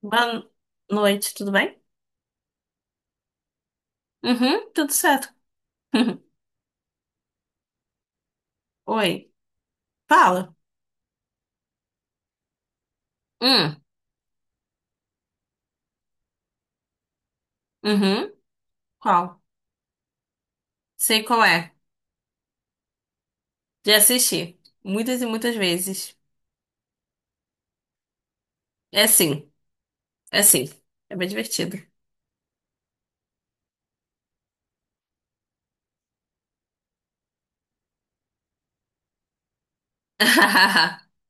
Boa noite, tudo bem? Uhum, tudo certo. Oi, fala. Hum, uhum, qual? Sei qual é. Já assisti muitas e muitas vezes. É sim, é sim. É bem divertido.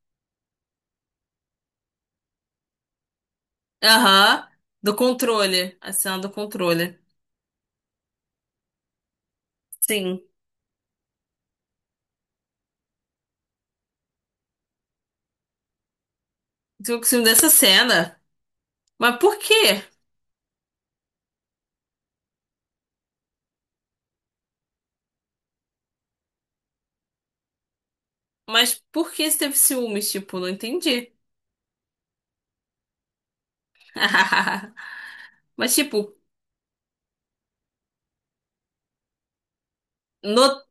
Aham, do controle. A cena do controle. Sim, eu ciúme dessa cena. Mas por quê? Mas por que você teve ciúmes? Tipo, não entendi. Mas, tipo, no-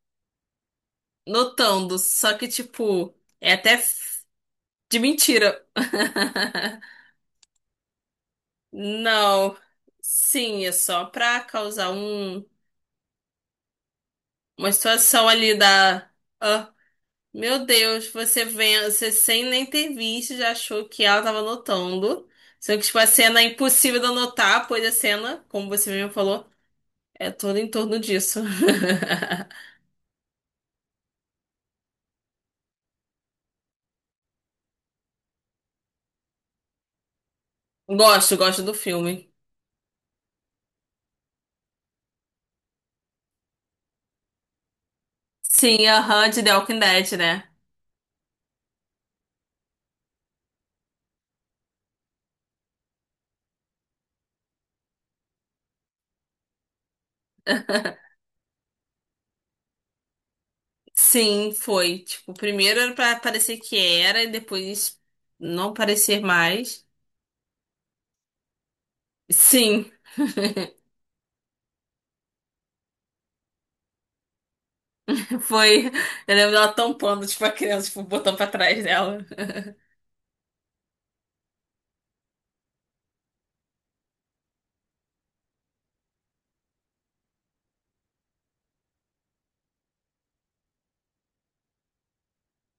notando. Só que, tipo, é até de mentira. Não. Sim, é só pra causar um, uma situação ali da. Ah, meu Deus, você vem, você sem nem ter visto, já achou que ela tava notando. Sendo que, tipo, a cena é impossível de anotar, pois a cena, como você mesmo falou, é toda em torno disso. Gosto, gosto do filme. Sim, aham, de The Walking Dead, né? Sim, foi. Tipo, primeiro era pra parecer que era e depois não parecer mais. Sim, foi. Eu lembro dela tampando, tipo, a criança, tipo, botando pra trás dela.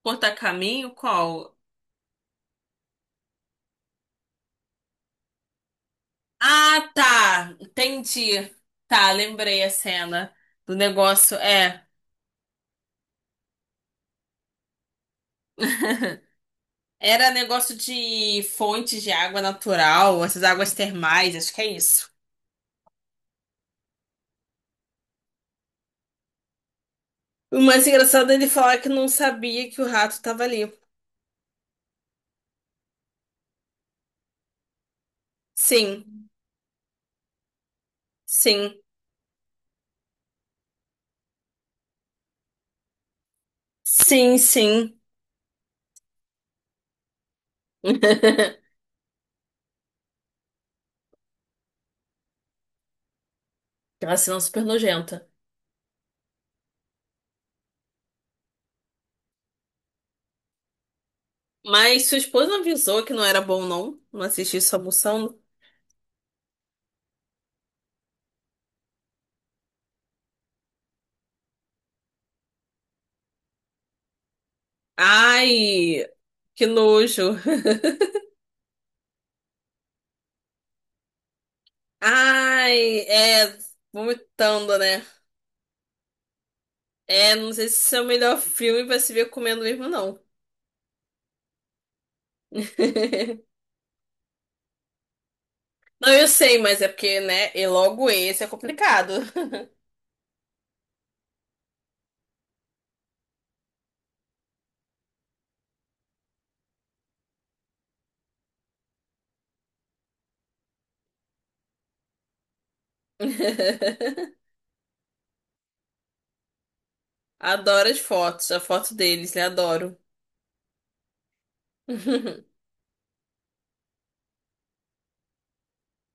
Cortar caminho? Qual? Ah, tá. Entendi. Tá, lembrei a cena do negócio. É. Era negócio de fontes de água natural, essas águas termais, acho que é isso. O mais engraçado é ele falar que não sabia que o rato tava ali. Sim, sim. Sim, sim. Aquela cena super nojenta. Mas sua esposa avisou que não era bom, não? Não assistir isso almoçando? Ai, que nojo. Ai, é. Vomitando, né? É, não sei se esse é o melhor filme pra se ver comendo mesmo, não. Não, eu sei, mas é porque, né? E logo esse é complicado. Adoro as fotos, a foto deles, né? Adoro.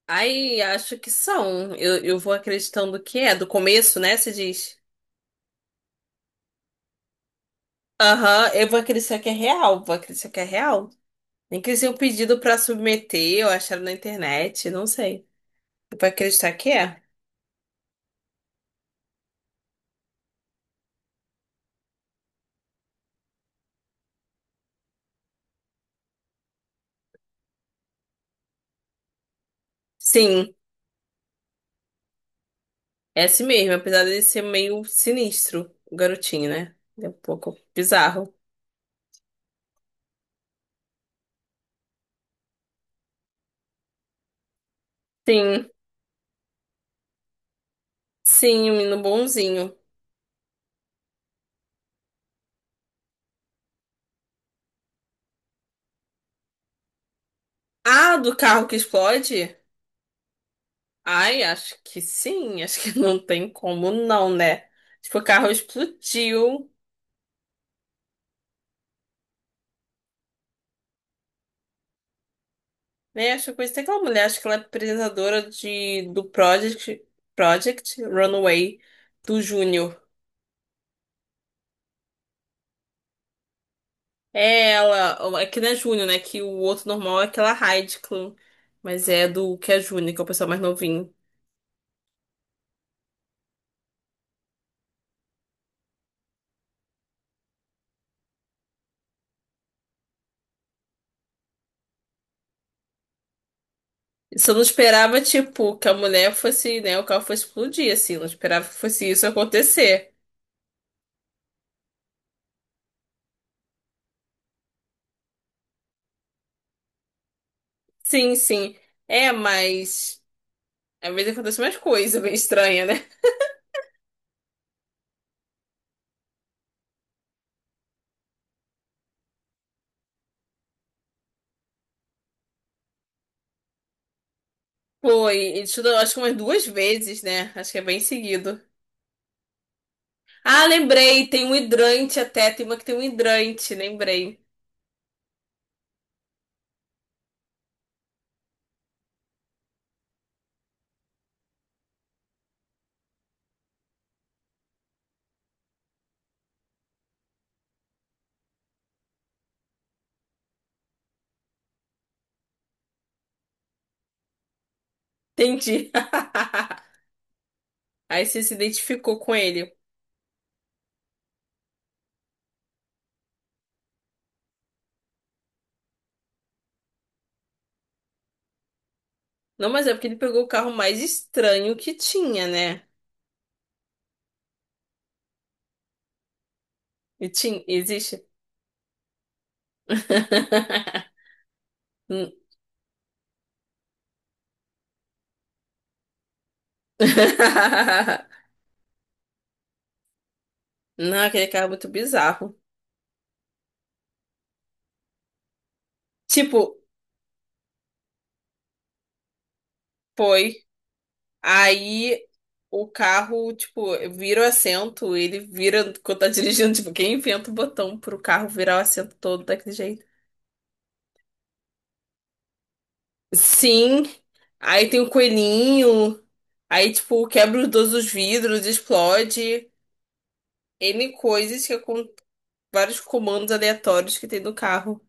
Ai, acho que são. Eu vou acreditando que é. Do começo, né? Você diz. Aham, eu vou acreditar que é real. Vou acreditar que é real. Nem que seja um pedido pra submeter ou achar na internet, não sei. Eu vou acreditar que é. Sim, é assim mesmo. Apesar de ser meio sinistro, o garotinho, né? Ele é um pouco bizarro. Sim, sim, um menino bonzinho. Ah, do carro que explode? Ai, acho que sim. Acho que não tem como não, né? Tipo, o carro explodiu. Né? Acho que tem aquela mulher, acho que ela é apresentadora de, do Project, Project Runway do Júnior. É ela, ó, é que não é Júnior, né? Que o outro normal é aquela Heidi Klum. Mas é do que é Júnior, que é o pessoal mais novinho. Só não esperava, tipo, que a mulher fosse, né? O carro fosse explodir, assim. Não esperava que fosse isso acontecer. Sim, sim. É, mas. Às vezes acontece mais coisa bem estranha, né? Foi, e tudo, acho que umas duas vezes, né? Acho que é bem seguido. Ah, lembrei, tem um hidrante até, tem uma que tem um hidrante, lembrei. Entendi. Aí você se identificou com ele. Não, mas é porque ele pegou o carro mais estranho que tinha, né? E tinha, existe? Hum. Não, aquele carro é muito bizarro. Tipo, foi. Aí o carro, tipo, vira o assento, ele vira quando tá dirigindo. Tipo, quem inventa o botão pro carro virar o assento todo daquele jeito? Sim. Aí tem o coelhinho. Aí, tipo, quebra os dois os vidros, explode. N coisas que é com vários comandos aleatórios que tem no carro.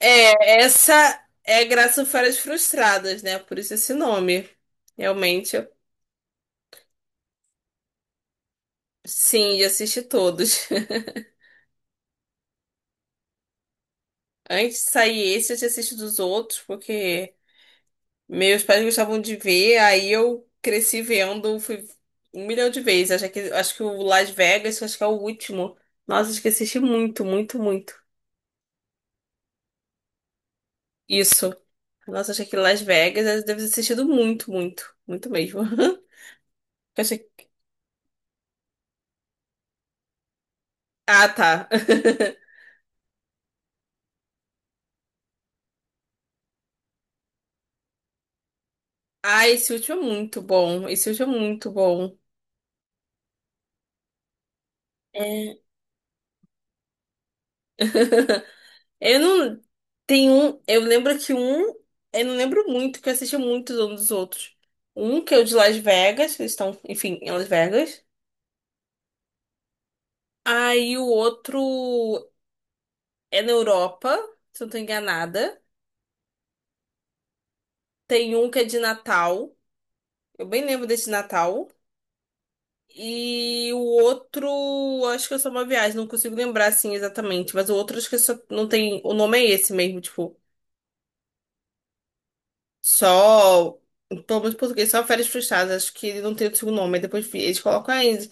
É, essa é Graça Férias Frustradas, né? Por isso esse nome. Realmente, sim, já assisti todos. Antes de sair esse, eu já assisti dos outros, porque meus pais gostavam de ver, aí eu cresci vendo, fui um milhão de vezes. Acho que o Las Vegas, acho que é o último. Nossa, acho que assisti muito, muito, muito. Isso. Nossa, acho que Las Vegas eu devo ter assistido muito, muito, muito mesmo. Eu achei- Ah, tá. Ah, esse último é muito bom. Esse último é muito bom. É. Eu não. Tem um. Eu lembro que um. Eu não lembro muito, que eu assisti muitos um dos outros. Um que é o de Las Vegas, que eles estão, enfim, em Las Vegas. Aí o outro é na Europa, se eu não tô enganada. Tem um que é de Natal. Eu bem lembro desse Natal. E o outro, acho que é só uma viagem, não consigo lembrar assim exatamente. Mas o outro, acho que é só não tem. O nome é esse mesmo, tipo. Só, pelo menos em português, só Férias Frustradas. Acho que ele não tem o segundo nome. Aí depois eles colocam aí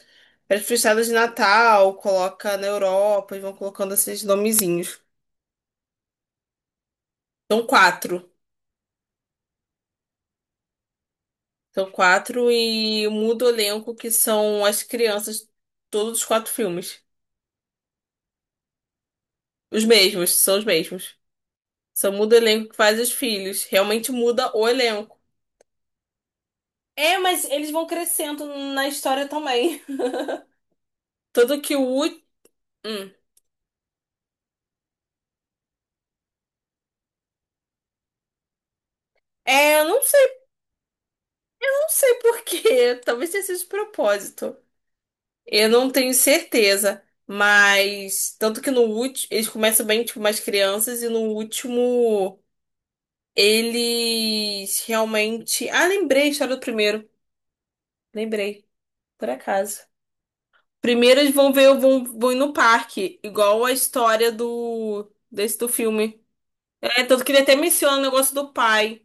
Férias Frustradas de Natal, coloca na Europa e vão colocando esses nomezinhos. São quatro. São quatro e muda o elenco que são as crianças, todos os quatro filmes. Os mesmos, são os mesmos. Só muda o elenco que faz os filhos. Realmente muda o elenco. É, mas eles vão crescendo na história também. Tanto que o último. É, eu não sei. Não sei por quê, talvez tenha sido de propósito. Eu não tenho certeza, mas tanto que no último, eles começam bem, tipo, mais crianças e no último eles realmente, ah, lembrei a história do primeiro. Lembrei, por acaso. Primeiro eles vão ver, vão ir no parque, igual a história do desse do filme. É, tanto que ele até menciona o negócio do pai.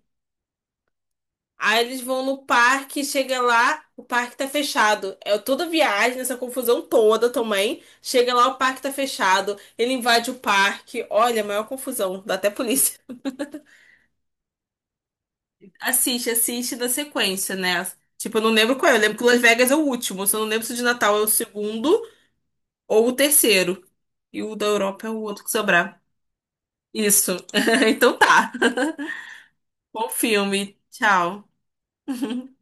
Aí eles vão no parque, chega lá, o parque tá fechado. É toda viagem, essa confusão toda também. Chega lá, o parque tá fechado. Ele invade o parque. Olha, a maior confusão, dá até polícia. Assiste, assiste da sequência, né? Tipo, eu não lembro qual é. Eu lembro que Las Vegas é o último. Eu só não lembro se o de Natal é o segundo ou o terceiro. E o da Europa é o outro que sobrar. Isso. Então tá. Bom filme. Tchau.